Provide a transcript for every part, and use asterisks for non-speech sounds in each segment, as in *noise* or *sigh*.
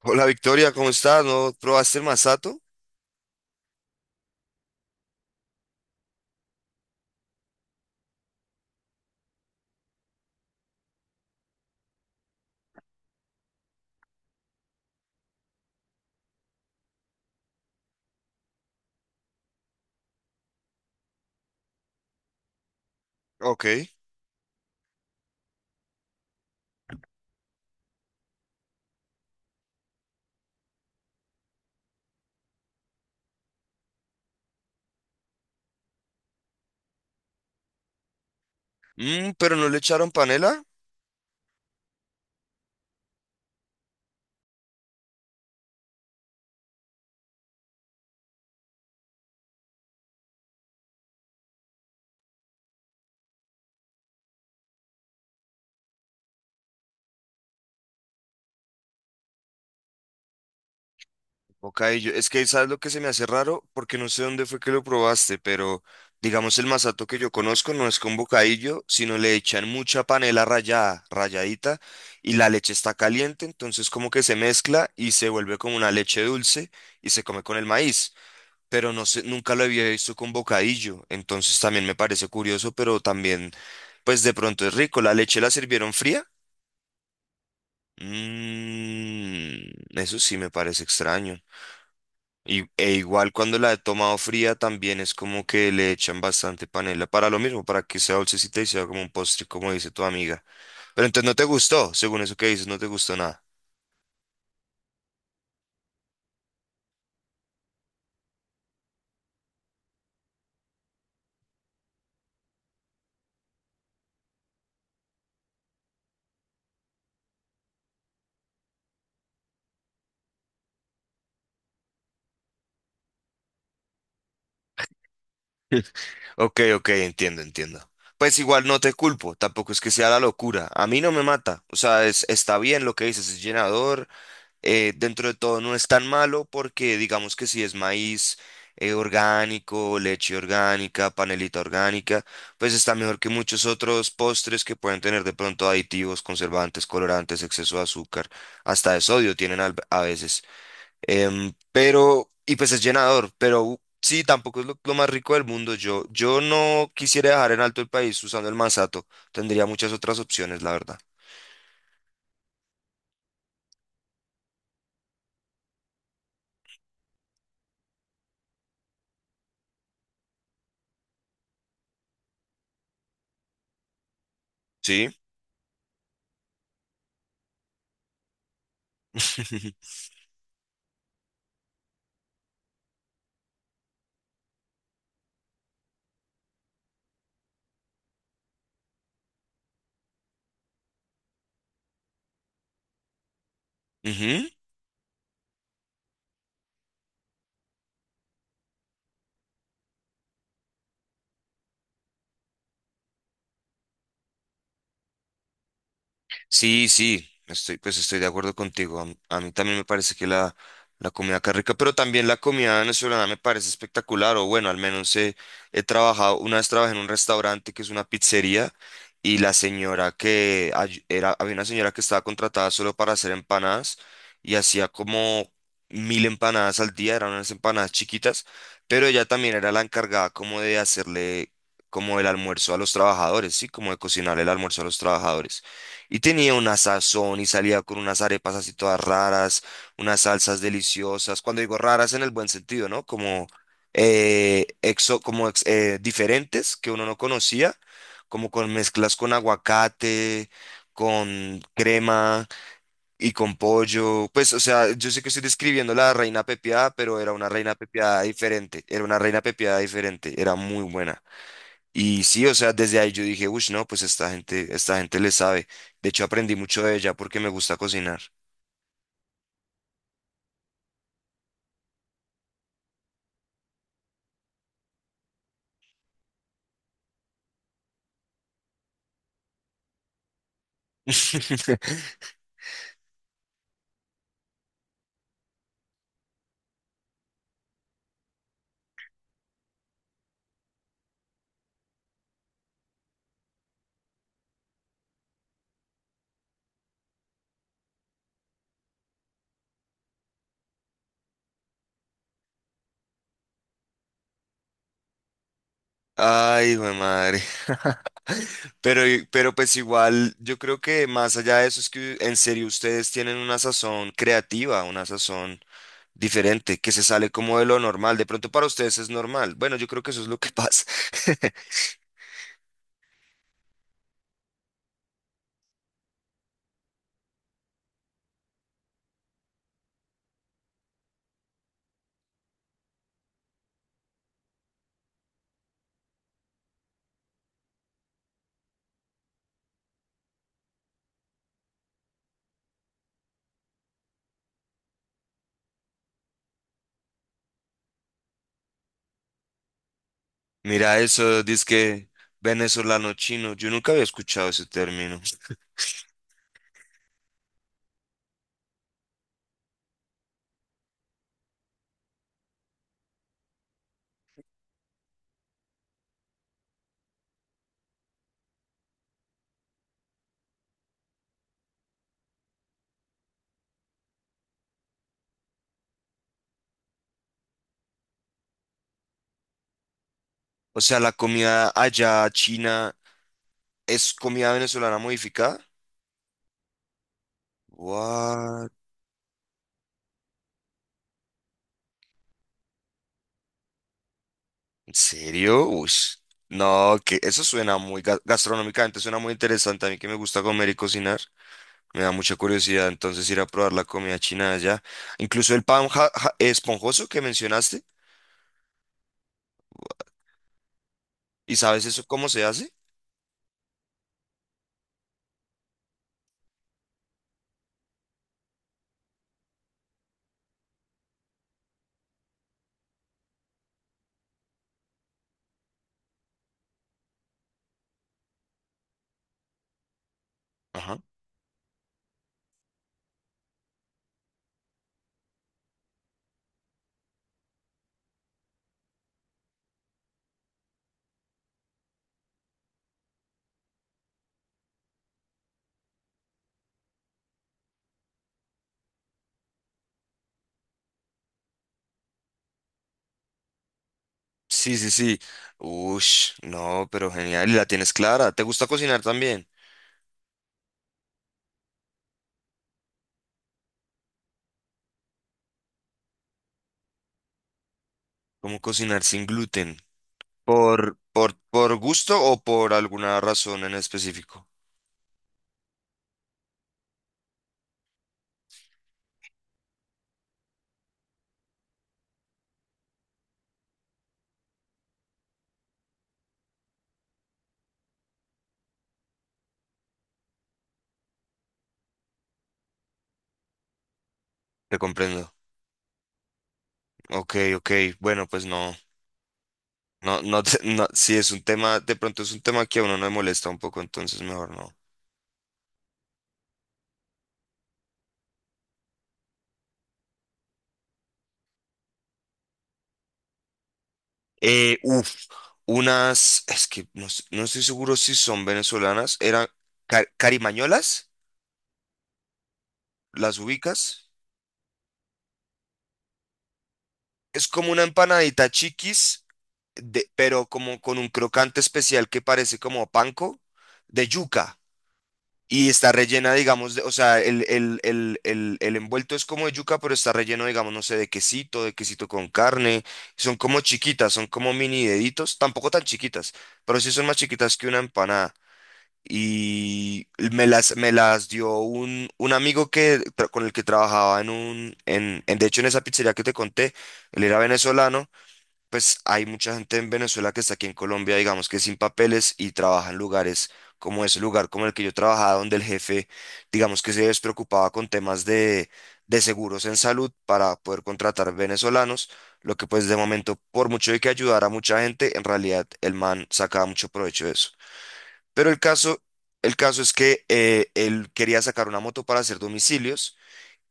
Hola Victoria, ¿cómo estás? ¿No probaste el masato? Ok. Mm, pero no le echaron panela. Ok, es que sabes lo que se me hace raro, porque no sé dónde fue que lo probaste, pero digamos el masato que yo conozco no es con bocadillo, sino le echan mucha panela rallada, ralladita, y la leche está caliente, entonces como que se mezcla y se vuelve como una leche dulce y se come con el maíz. Pero no sé, nunca lo había visto con bocadillo, entonces también me parece curioso, pero también, pues de pronto es rico. La leche la sirvieron fría. Mm, eso sí me parece extraño. E igual cuando la he tomado fría también es como que le echan bastante panela para lo mismo, para que sea dulcecita y sea como un postre, como dice tu amiga. Pero entonces no te gustó, según eso que dices, no te gustó nada. *laughs* Ok, ok, entiendo, entiendo. Pues igual no te culpo, tampoco es que sea la locura. A mí no me mata. O sea, está bien lo que dices, es llenador, dentro de todo no es tan malo porque digamos que si es maíz orgánico, leche orgánica, panelita orgánica, pues está mejor que muchos otros postres que pueden tener de pronto aditivos, conservantes, colorantes, exceso de azúcar, hasta de sodio tienen a veces. Pero, y pues es llenador, pero sí, tampoco es lo más rico del mundo. Yo no quisiera dejar en alto el país usando el masato. Tendría muchas otras opciones, la verdad. Sí. *laughs* Ujú. Sí, sí, pues estoy de acuerdo contigo. A mí también me parece que la comida acá es rica, pero también la comida venezolana me parece espectacular. O bueno, he trabajado, una vez trabajé en un restaurante que es una pizzería y la señora que había una señora que estaba contratada solo para hacer empanadas y hacía como mil empanadas al día, eran unas empanadas chiquitas, pero ella también era la encargada como de hacerle como el almuerzo a los trabajadores, sí, como de cocinar el almuerzo a los trabajadores. Y tenía una sazón y salía con unas arepas así todas raras, unas salsas deliciosas. Cuando digo raras en el buen sentido, ¿no? Como, diferentes que uno no conocía, como con mezclas con aguacate, con crema y con pollo. Pues, o sea, yo sé que estoy describiendo la reina pepiada, pero era una reina pepiada diferente. Era una reina pepiada diferente. Era muy buena. Y sí, o sea, desde ahí yo dije, uff, no, pues esta gente le sabe. De hecho, aprendí mucho de ella porque me gusta cocinar. *laughs* Ay, güey, madre. *laughs* Pero, pero pues igual, yo creo que más allá de eso es que en serio ustedes tienen una sazón creativa, una sazón diferente, que se sale como de lo normal. De pronto para ustedes es normal. Bueno, yo creo que eso es lo que pasa. *laughs* Mira eso, que venezolano chino. Yo nunca había escuchado ese término. O sea, la comida allá china ¿es comida venezolana modificada? What? ¿En serio? Uy. No, que eso suena muy gastronómicamente, suena muy interesante. A mí que me gusta comer y cocinar, me da mucha curiosidad entonces ir a probar la comida china de allá. Incluso el pan esponjoso que mencionaste. ¿Y sabes eso cómo se hace? Ajá. Sí, sí, sí. Ush, no, pero genial. Y la tienes clara. ¿Te gusta cocinar también? ¿Cómo cocinar sin gluten? ¿Por gusto o por alguna razón en específico? Te comprendo. Ok, ok. Bueno, pues no. No, no, no. Si es un tema, de pronto es un tema que a uno no le molesta un poco, entonces mejor no. Uf, unas, es que no, no estoy seguro si son venezolanas, eran carimañolas, ¿las ubicas? Es como una empanadita chiquis, de, pero como con un crocante especial que parece como panko, de yuca. Y está rellena, digamos, o sea, el envuelto es como de yuca, pero está relleno, digamos, no sé, de quesito con carne. Son como chiquitas, son como mini deditos, tampoco tan chiquitas, pero sí son más chiquitas que una empanada. Y me las dio un amigo con el que trabajaba en de hecho en esa pizzería que te conté, él era venezolano, pues hay mucha gente en Venezuela que está aquí en Colombia, digamos que sin papeles y trabaja en lugares como ese lugar como el que yo trabajaba, donde el jefe, digamos que se despreocupaba con temas de seguros en salud para poder contratar venezolanos, lo que pues de momento, por mucho de que ayudara a mucha gente, en realidad el man sacaba mucho provecho de eso. Pero el caso es que él quería sacar una moto para hacer domicilios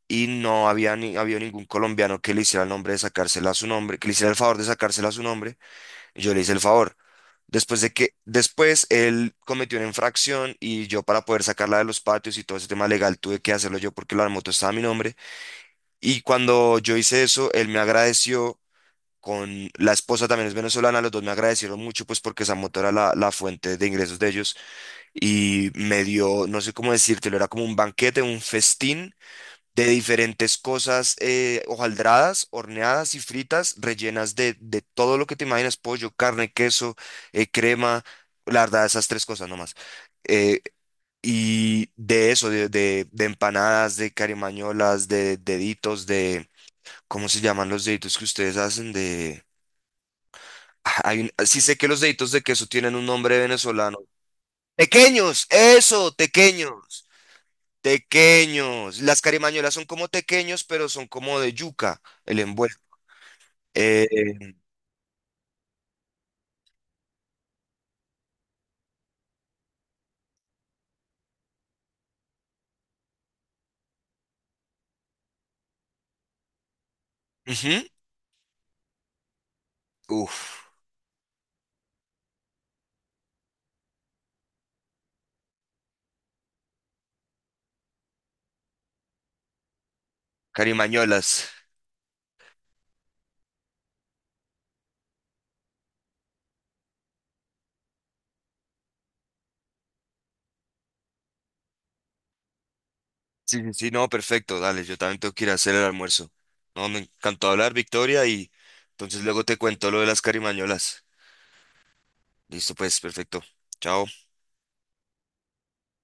y no había ni, habido ningún colombiano que le hiciera el nombre de sacársela a su nombre, que le hiciera el favor de sacársela a su nombre. Y yo le hice el favor. Después él cometió una infracción y yo para poder sacarla de los patios y todo ese tema legal tuve que hacerlo yo porque la moto estaba a mi nombre. Y cuando yo hice eso, él me agradeció con la esposa también es venezolana, los dos me agradecieron mucho pues porque esa moto era la fuente de ingresos de ellos y me dio, no sé cómo decírtelo, era como un banquete, un festín de diferentes cosas hojaldradas, horneadas y fritas, rellenas de todo lo que te imaginas, pollo, carne, queso, crema, la verdad, esas tres cosas nomás. Eh, y de eso, de empanadas, de carimañolas, de deditos, de, ¿cómo se llaman los deditos que ustedes hacen? De... *laughs* Ah, hay sí sé que los deditos de queso tienen un nombre venezolano. Pequeños, eso, pequeños. Tequeños. Las carimañolas son como tequeños, pero son como de yuca, el envuelto. Eh, ujú. Uf, carimañolas. Sí, sí, sí, no, perfecto. Dale, yo también tengo que ir a hacer el almuerzo. No, me encantó hablar, Victoria, y entonces luego te cuento lo de las carimañolas. Listo, pues, perfecto. Chao.